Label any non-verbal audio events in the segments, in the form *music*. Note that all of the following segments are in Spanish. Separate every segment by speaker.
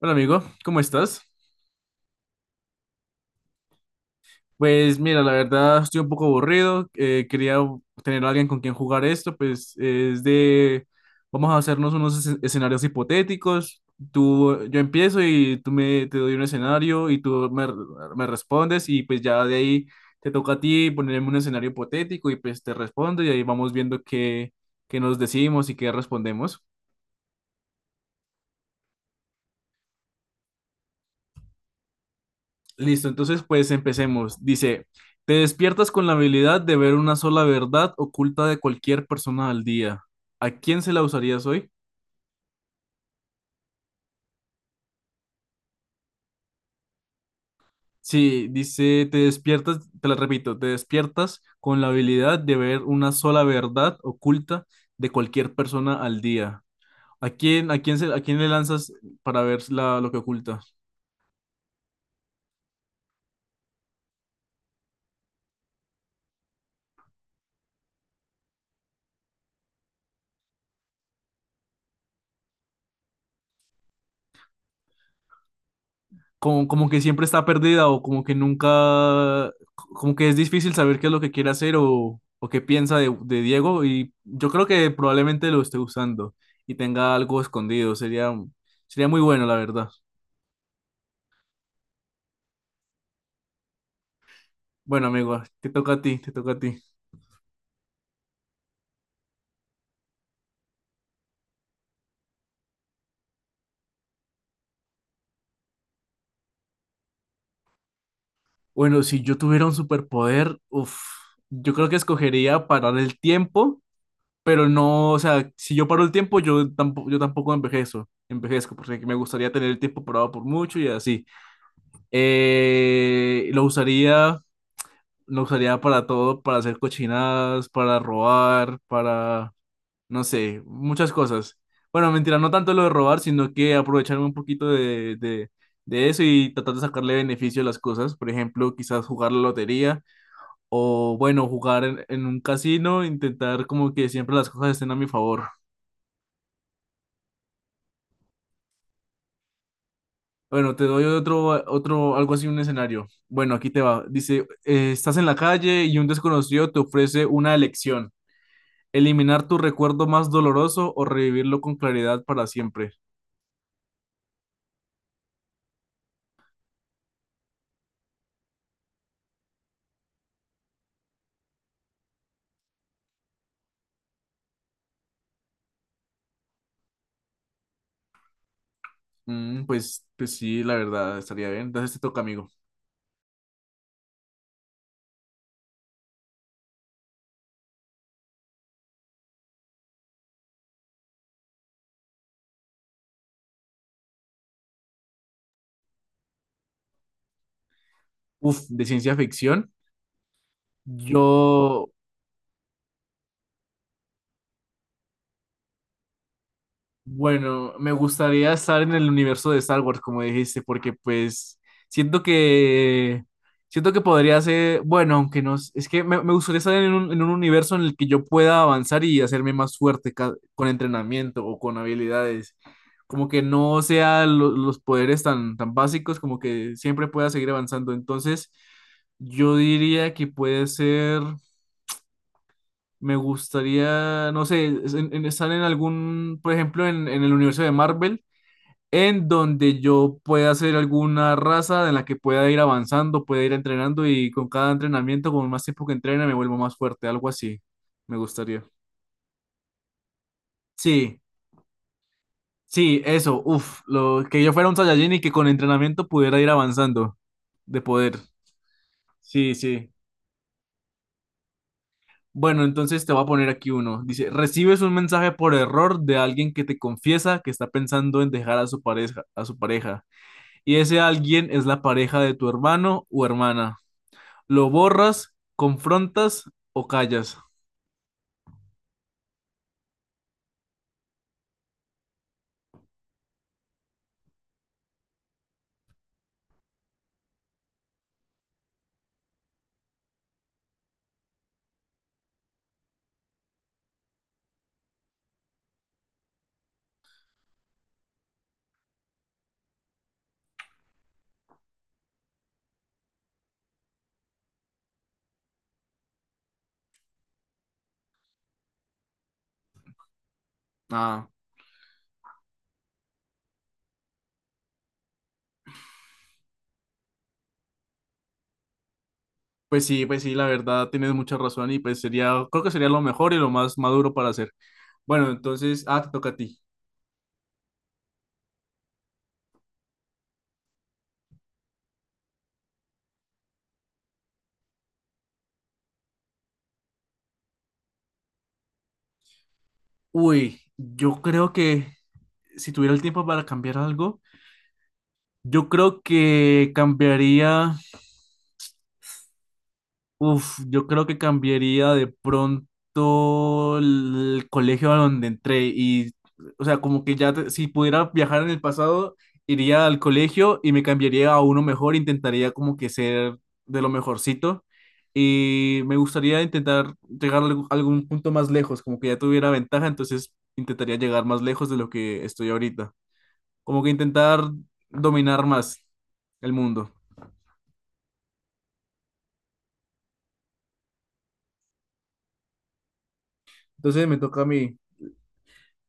Speaker 1: Hola amigo, ¿cómo estás? Pues mira, la verdad estoy un poco aburrido, quería tener a alguien con quien jugar esto, pues es de, vamos a hacernos unos escenarios hipotéticos, tú, yo empiezo y tú me, te doy un escenario y tú me, me respondes y pues ya de ahí te toca a ti ponerme un escenario hipotético y pues te respondo y ahí vamos viendo qué, qué nos decimos y qué respondemos. Listo, entonces pues empecemos. Dice, te despiertas con la habilidad de ver una sola verdad oculta de cualquier persona al día. ¿A quién se la usarías hoy? Sí, dice, te despiertas, te la repito, te despiertas con la habilidad de ver una sola verdad oculta de cualquier persona al día. A quién se, a quién le lanzas para ver lo que oculta? Como, como que siempre está perdida o como que nunca, como que es difícil saber qué es lo que quiere hacer o qué piensa de Diego, y yo creo que probablemente lo esté usando y tenga algo escondido. Sería, sería muy bueno, la verdad. Bueno, amigo, te toca a ti, te toca a ti. Bueno, si yo tuviera un superpoder, uf, yo creo que escogería parar el tiempo, pero no, o sea, si yo paro el tiempo, yo tampoco envejezco, porque me gustaría tener el tiempo parado por mucho y así. Eh, lo usaría, lo usaría para todo, para hacer cochinadas, para robar, para, no sé, muchas cosas. Bueno, mentira, no tanto lo de robar, sino que aprovecharme un poquito de eso y tratar de sacarle beneficio a las cosas. Por ejemplo, quizás jugar la lotería o, bueno, jugar en un casino, intentar como que siempre las cosas estén a mi favor. Bueno, te doy otro, otro, algo así, un escenario. Bueno, aquí te va. Dice, estás en la calle y un desconocido te ofrece una elección. ¿Eliminar tu recuerdo más doloroso o revivirlo con claridad para siempre? Mm, pues, pues sí, la verdad, estaría bien. Entonces te toca, amigo. Uf, de ciencia ficción. Yo, bueno, me gustaría estar en el universo de Star Wars, como dijiste, porque pues siento que siento que podría ser, bueno, aunque no, es que me gustaría estar en un universo en el que yo pueda avanzar y hacerme más fuerte con entrenamiento o con habilidades. Como que no sea los poderes tan, tan básicos, como que siempre pueda seguir avanzando. Entonces, yo diría que puede ser, me gustaría, no sé, en estar en algún, por ejemplo, en el universo de Marvel en donde yo pueda hacer alguna raza de la que pueda ir avanzando, pueda ir entrenando y con cada entrenamiento, con más tiempo que entrene, me vuelvo más fuerte, algo así. Me gustaría. Sí, sí, eso, uff, lo que yo fuera un Saiyajin y que con entrenamiento pudiera ir avanzando de poder. Sí, sí. Bueno, entonces te voy a poner aquí uno. Dice, recibes un mensaje por error de alguien que te confiesa que está pensando en dejar a su pareja, y ese alguien es la pareja de tu hermano o hermana. ¿Lo borras, confrontas o callas? Ah, pues sí, pues sí, la verdad tienes mucha razón y pues sería, creo que sería lo mejor y lo más maduro para hacer. Bueno, entonces, ah, te toca a ti. Uy, yo creo que si tuviera el tiempo para cambiar algo, yo creo que cambiaría. Uf, yo creo que cambiaría de pronto el colegio a donde entré y, o sea, como que ya si pudiera viajar en el pasado, iría al colegio y me cambiaría a uno mejor, intentaría como que ser de lo mejorcito y me gustaría intentar llegar a algún algún punto más lejos, como que ya tuviera ventaja, entonces intentaría llegar más lejos de lo que estoy ahorita, como que intentar dominar más el mundo. Entonces me toca a mí.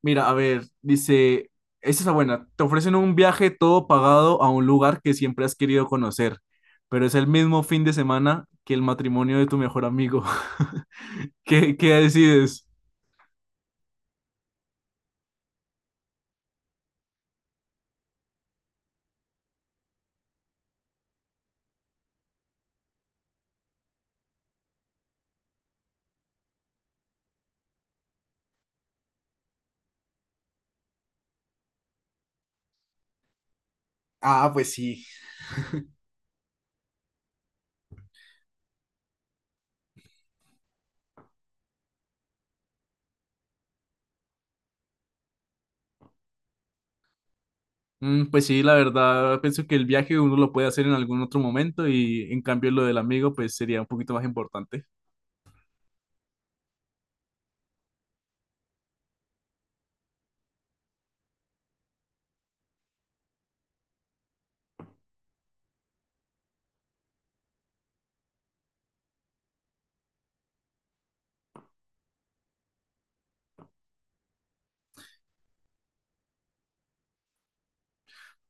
Speaker 1: Mira, a ver, dice, esa es la buena. Te ofrecen un viaje todo pagado a un lugar que siempre has querido conocer, pero es el mismo fin de semana que el matrimonio de tu mejor amigo. *laughs* ¿Qué, qué decides? Ah, pues sí. Mm, pues sí, la verdad, pienso que el viaje uno lo puede hacer en algún otro momento y en cambio lo del amigo pues sería un poquito más importante.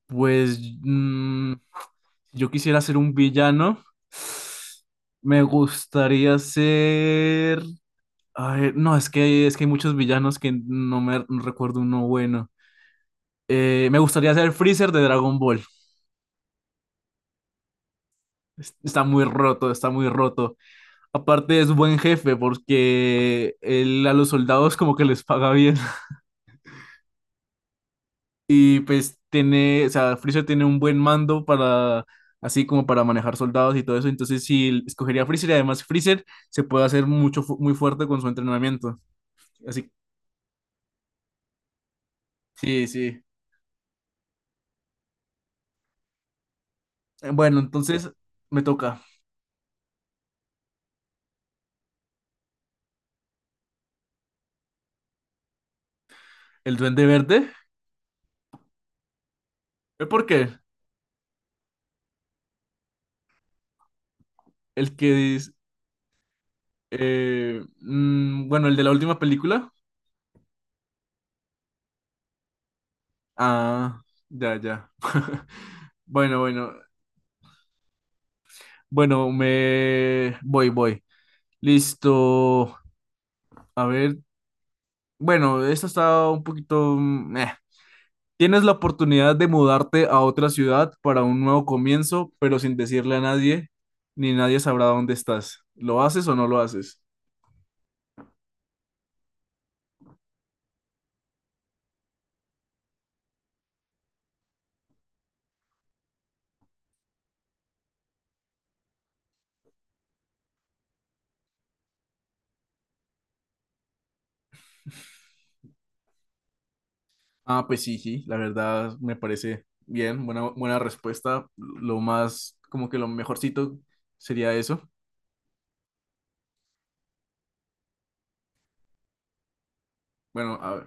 Speaker 1: Pues mm, yo quisiera ser un villano. Me gustaría ser... Ay, no, es que hay muchos villanos que no me no recuerdo uno bueno. Me gustaría ser Freezer de Dragon Ball. Está muy roto, está muy roto. Aparte es buen jefe porque él a los soldados como que les paga bien. Y pues tiene, o sea, Freezer tiene un buen mando para, así como para manejar soldados y todo eso. Entonces sí, escogería a Freezer y además Freezer se puede hacer mucho, muy fuerte con su entrenamiento. Así, sí, sí. Bueno, entonces me toca el Duende Verde. ¿Eh, ¿Por qué? El que dice, mm, bueno, el de la última película. Ah, ya, ya. *laughs* Bueno, bueno, bueno, me voy, voy. Listo. A ver, bueno, esto está un poquito... mm, eh. Tienes la oportunidad de mudarte a otra ciudad para un nuevo comienzo, pero sin decirle a nadie, ni nadie sabrá dónde estás. ¿Lo haces o no lo haces? Ah, pues sí, sí, la verdad me parece bien, buena, buena respuesta. Lo más, como que lo mejorcito sería eso. Bueno, a ver.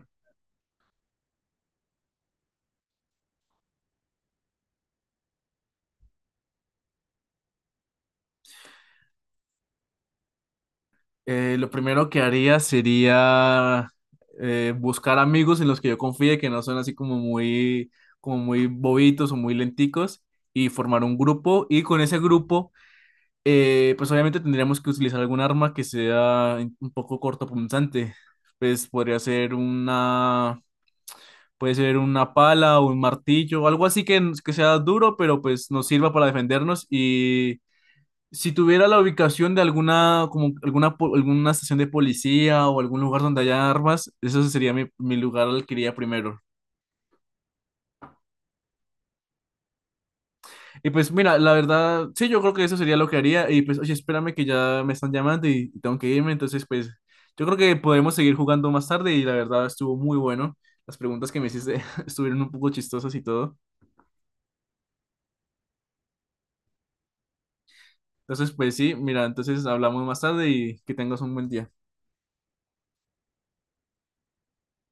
Speaker 1: Lo primero que haría sería buscar amigos en los que yo confíe, que no son así como muy bobitos o muy lenticos, y formar un grupo. Y con ese grupo, pues obviamente tendríamos que utilizar algún arma que sea un poco cortopunzante. Pues podría ser una, puede ser una pala o un martillo, algo así que sea duro, pero pues nos sirva para defendernos, y si tuviera la ubicación de alguna, como alguna, alguna estación de policía o algún lugar donde haya armas, eso sería mi, mi lugar al que iría primero. Y pues mira, la verdad, sí, yo creo que eso sería lo que haría. Y pues, oye, espérame que ya me están llamando y tengo que irme. Entonces, pues, yo creo que podemos seguir jugando más tarde y la verdad estuvo muy bueno. Las preguntas que me hiciste *laughs* estuvieron un poco chistosas y todo. Entonces, pues sí, mira, entonces hablamos más tarde y que tengas un buen día.